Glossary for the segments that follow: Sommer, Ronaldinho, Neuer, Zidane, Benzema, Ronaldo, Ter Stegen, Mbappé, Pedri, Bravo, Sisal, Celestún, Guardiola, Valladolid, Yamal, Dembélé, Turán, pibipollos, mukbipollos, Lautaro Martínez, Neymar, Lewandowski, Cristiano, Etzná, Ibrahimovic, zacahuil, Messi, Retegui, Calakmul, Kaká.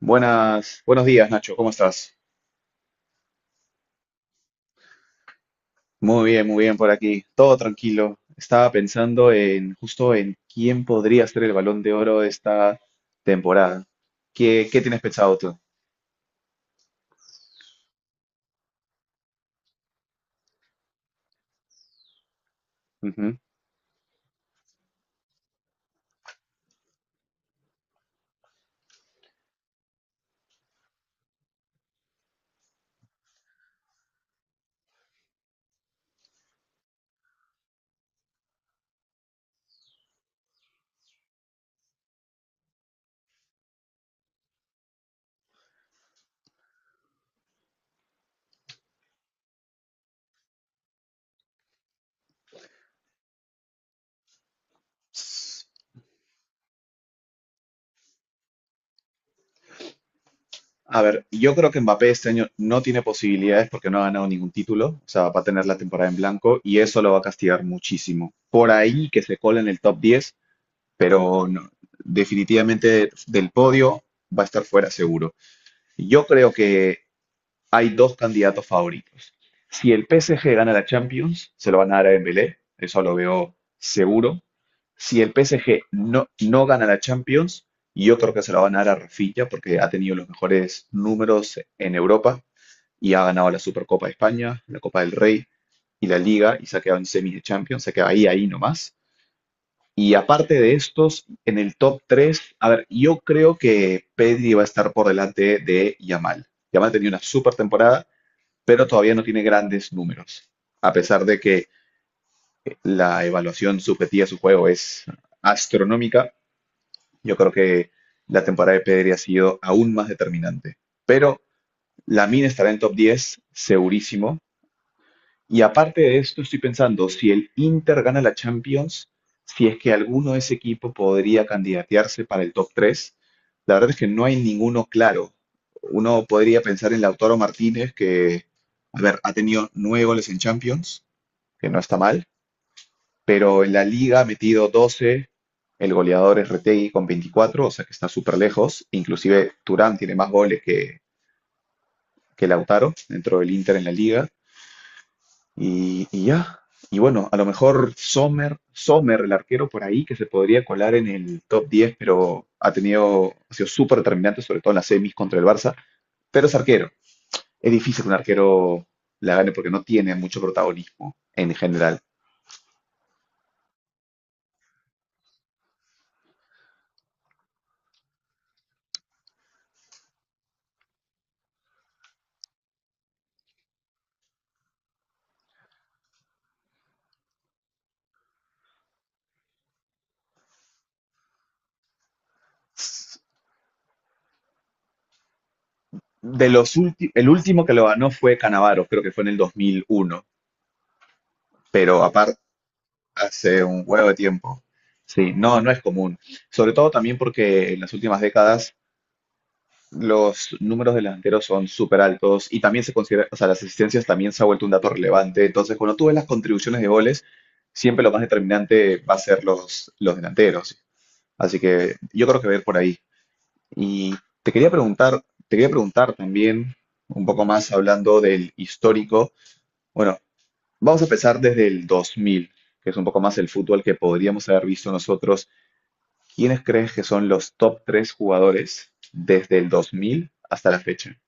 Buenas, buenos días, Nacho, ¿cómo estás? Muy bien por aquí, todo tranquilo. Estaba pensando en justo en quién podría ser el Balón de Oro de esta temporada. ¿Qué tienes pensado tú? Ujú. A ver, yo creo que Mbappé este año no tiene posibilidades porque no ha ganado ningún título, o sea, va a tener la temporada en blanco y eso lo va a castigar muchísimo. Por ahí que se cola en el top diez, pero no, definitivamente del podio va a estar fuera seguro. Yo creo que hay dos candidatos favoritos. Si el PSG gana la Champions, se lo van a dar a Dembélé, eso lo veo seguro. Si el PSG no gana la Champions, yo creo que se lo van a dar a Rafinha porque ha tenido los mejores números en Europa y ha ganado la Supercopa de España, la Copa del Rey y la Liga y se ha quedado en semis de Champions, se queda ahí, ahí nomás. Y aparte de estos, en el top 3, a ver, yo creo que Pedri va a estar por delante de Yamal. Yamal tenía una super temporada, pero todavía no tiene grandes números. A pesar de que la evaluación subjetiva de su juego es astronómica, yo creo que la temporada de Pedri ha sido aún más determinante. Pero la mina estará en top 10, segurísimo. Y aparte de esto, estoy pensando, si el Inter gana la Champions, si es que alguno de ese equipo podría candidatearse para el top 3. La verdad es que no hay ninguno claro. Uno podría pensar en Lautaro Martínez, que, a ver, ha tenido nueve goles en Champions, que no está mal, pero en la liga ha metido 12, el goleador es Retegui con 24, o sea que está súper lejos, inclusive Turán tiene más goles que Lautaro dentro del Inter en la liga, y ya, y bueno, a lo mejor Sommer, Sommer, el arquero por ahí, que se podría colar en el top 10, pero ha tenido, ha sido súper determinante, sobre todo en las semis contra el Barça, pero es arquero, es difícil que un arquero la gane porque no tiene mucho protagonismo en general. De los últimos, el último que lo ganó fue Canavaro, creo que fue en el dos mil uno, pero aparte hace un huevo de tiempo. Sí, no, no es común. Sobre todo también porque en las últimas décadas los números de delanteros son súper altos y también se considera, o sea, las asistencias también se ha vuelto un dato relevante. Entonces, cuando tú ves las contribuciones de goles, siempre lo más determinante va a ser los delanteros. Así que yo creo que ver por ahí. Y te quería preguntar, te quería preguntar también un poco más hablando del histórico. Bueno, vamos a empezar desde el 2000, que es un poco más el fútbol que podríamos haber visto nosotros. ¿Quiénes crees que son los top tres jugadores desde el 2000 hasta la fecha?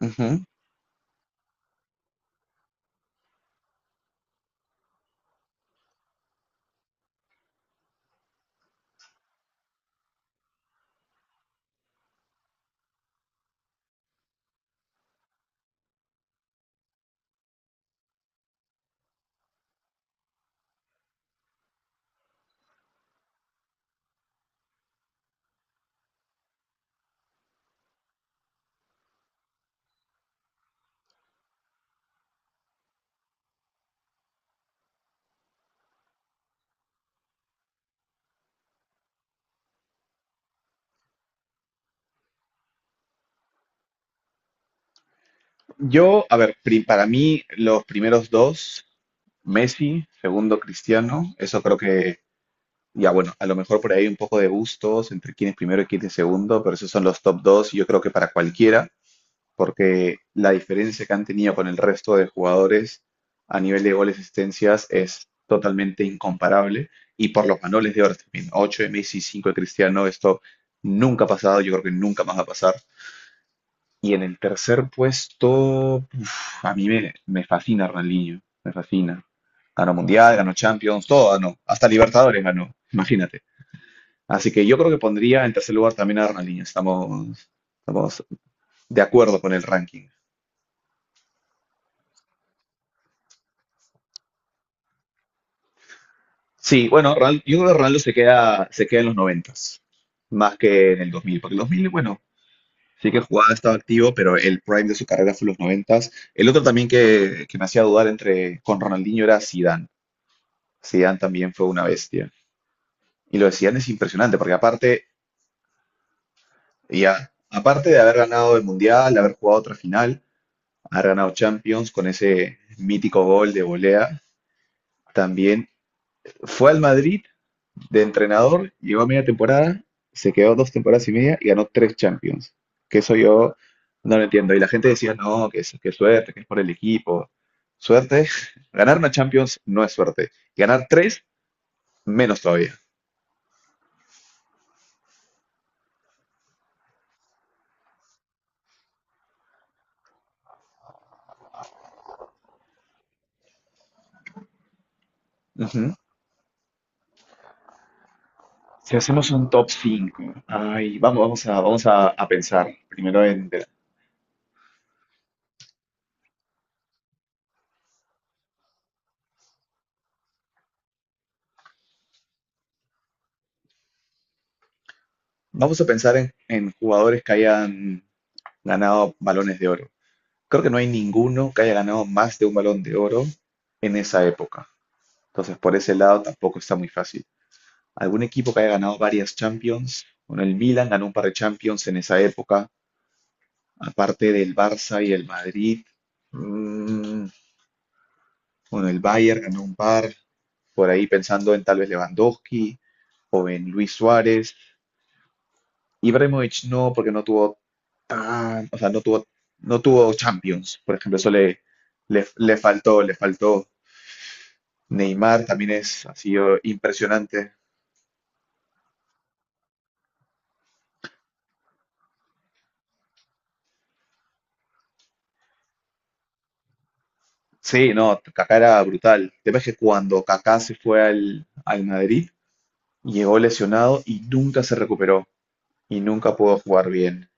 Ujú. Yo, a ver, para mí los primeros dos, Messi, segundo Cristiano, eso creo que, ya bueno, a lo mejor por ahí un poco de gustos entre quién es primero y quién es segundo, pero esos son los top dos y yo creo que para cualquiera. Porque la diferencia que han tenido con el resto de jugadores a nivel de goles y asistencias es totalmente incomparable y por los manoles de horas también. 8 de Messi, 5 de Cristiano, esto nunca ha pasado, yo creo que nunca más va a pasar. Y en el tercer puesto, uf, a mí me fascina Ronaldinho, me fascina. Ganó Mundial, ganó Champions, todo ganó, hasta Libertadores ganó, imagínate. Así que yo creo que pondría en tercer lugar también a Ronaldinho, estamos, estamos de acuerdo con el ranking. Sí, bueno, yo creo que Ronaldo se queda en los noventas más que en el 2000, porque el 2000, bueno, sí que jugaba, estaba activo, pero el prime de su carrera fue los noventas. El otro también que me hacía dudar entre con Ronaldinho era Zidane. Zidane también fue una bestia. Y lo de Zidane es impresionante, porque aparte, ya, aparte de haber ganado el Mundial, de haber jugado otra final, haber ganado Champions con ese mítico gol de volea, también fue al Madrid de entrenador, llegó a media temporada, se quedó dos temporadas y media y ganó tres Champions. Que eso yo no lo entiendo. Y la gente decía, no, que es, que suerte, que es por el equipo. Suerte. Ganar una Champions no es suerte. Ganar tres, menos todavía. Ujú. Si hacemos un top 5, ay, vamos a pensar primero en, vamos a pensar en jugadores que hayan ganado balones de oro. Creo que no hay ninguno que haya ganado más de un balón de oro en esa época. Entonces, por ese lado tampoco está muy fácil. Algún equipo que haya ganado varias Champions. Bueno, el Milan ganó un par de Champions en esa época, aparte del Barça y el Madrid. Mm, bueno, el Bayern ganó un par. Por ahí pensando en tal vez Lewandowski, o en Luis Suárez. Ibrahimovic no, porque no tuvo tan, o sea, no tuvo, no tuvo Champions. Por ejemplo, eso le faltó, le faltó. Neymar también es, ha sido impresionante. Sí, no, Kaká era brutal. El tema es que cuando Kaká se fue al Madrid, llegó lesionado y nunca se recuperó y nunca pudo jugar bien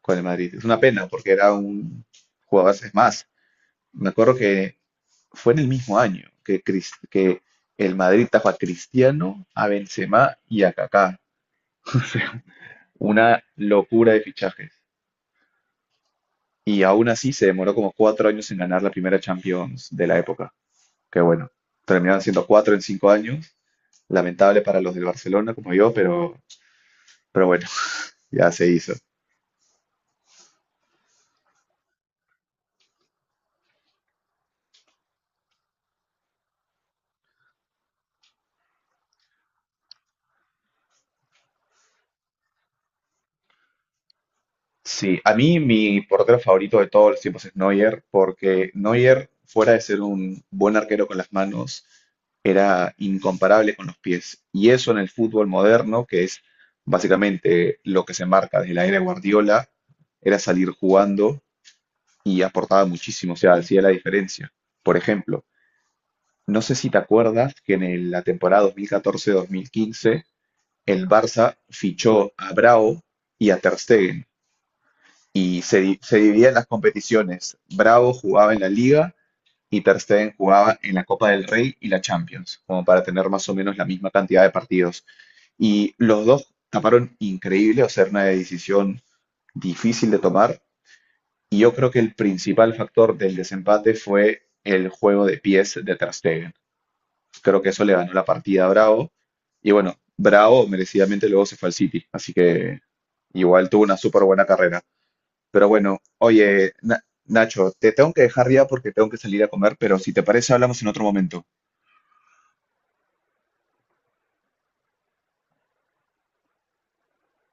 con el Madrid. Es una pena porque era un jugador, es más, me acuerdo que fue en el mismo año que, que el Madrid tapó a Cristiano, a Benzema y a Kaká. Una locura de fichajes. Y aún así se demoró como cuatro años en ganar la primera Champions de la época. Que bueno, terminaron siendo cuatro en cinco años. Lamentable para los del Barcelona como yo, pero bueno, ya se hizo. Sí, a mí mi portero favorito de todos los tiempos es Neuer, porque Neuer, fuera de ser un buen arquero con las manos, era incomparable con los pies. Y eso en el fútbol moderno, que es básicamente lo que se marca desde la era de Guardiola, era salir jugando y aportaba muchísimo, o sea, hacía la diferencia. Por ejemplo, no sé si te acuerdas que en la temporada 2014-2015 el Barça fichó a Bravo y a Ter Stegen y se dividían las competiciones. Bravo jugaba en la Liga y Ter Stegen jugaba en la Copa del Rey y la Champions, como para tener más o menos la misma cantidad de partidos. Y los dos taparon increíble, o sea, era una decisión difícil de tomar. Y yo creo que el principal factor del desempate fue el juego de pies de Ter Stegen. Creo que eso le ganó la partida a Bravo. Y bueno, Bravo merecidamente luego se fue al City, así que igual tuvo una súper buena carrera. Pero bueno, oye, Nacho, te tengo que dejar ya porque tengo que salir a comer, pero si te parece hablamos en otro momento.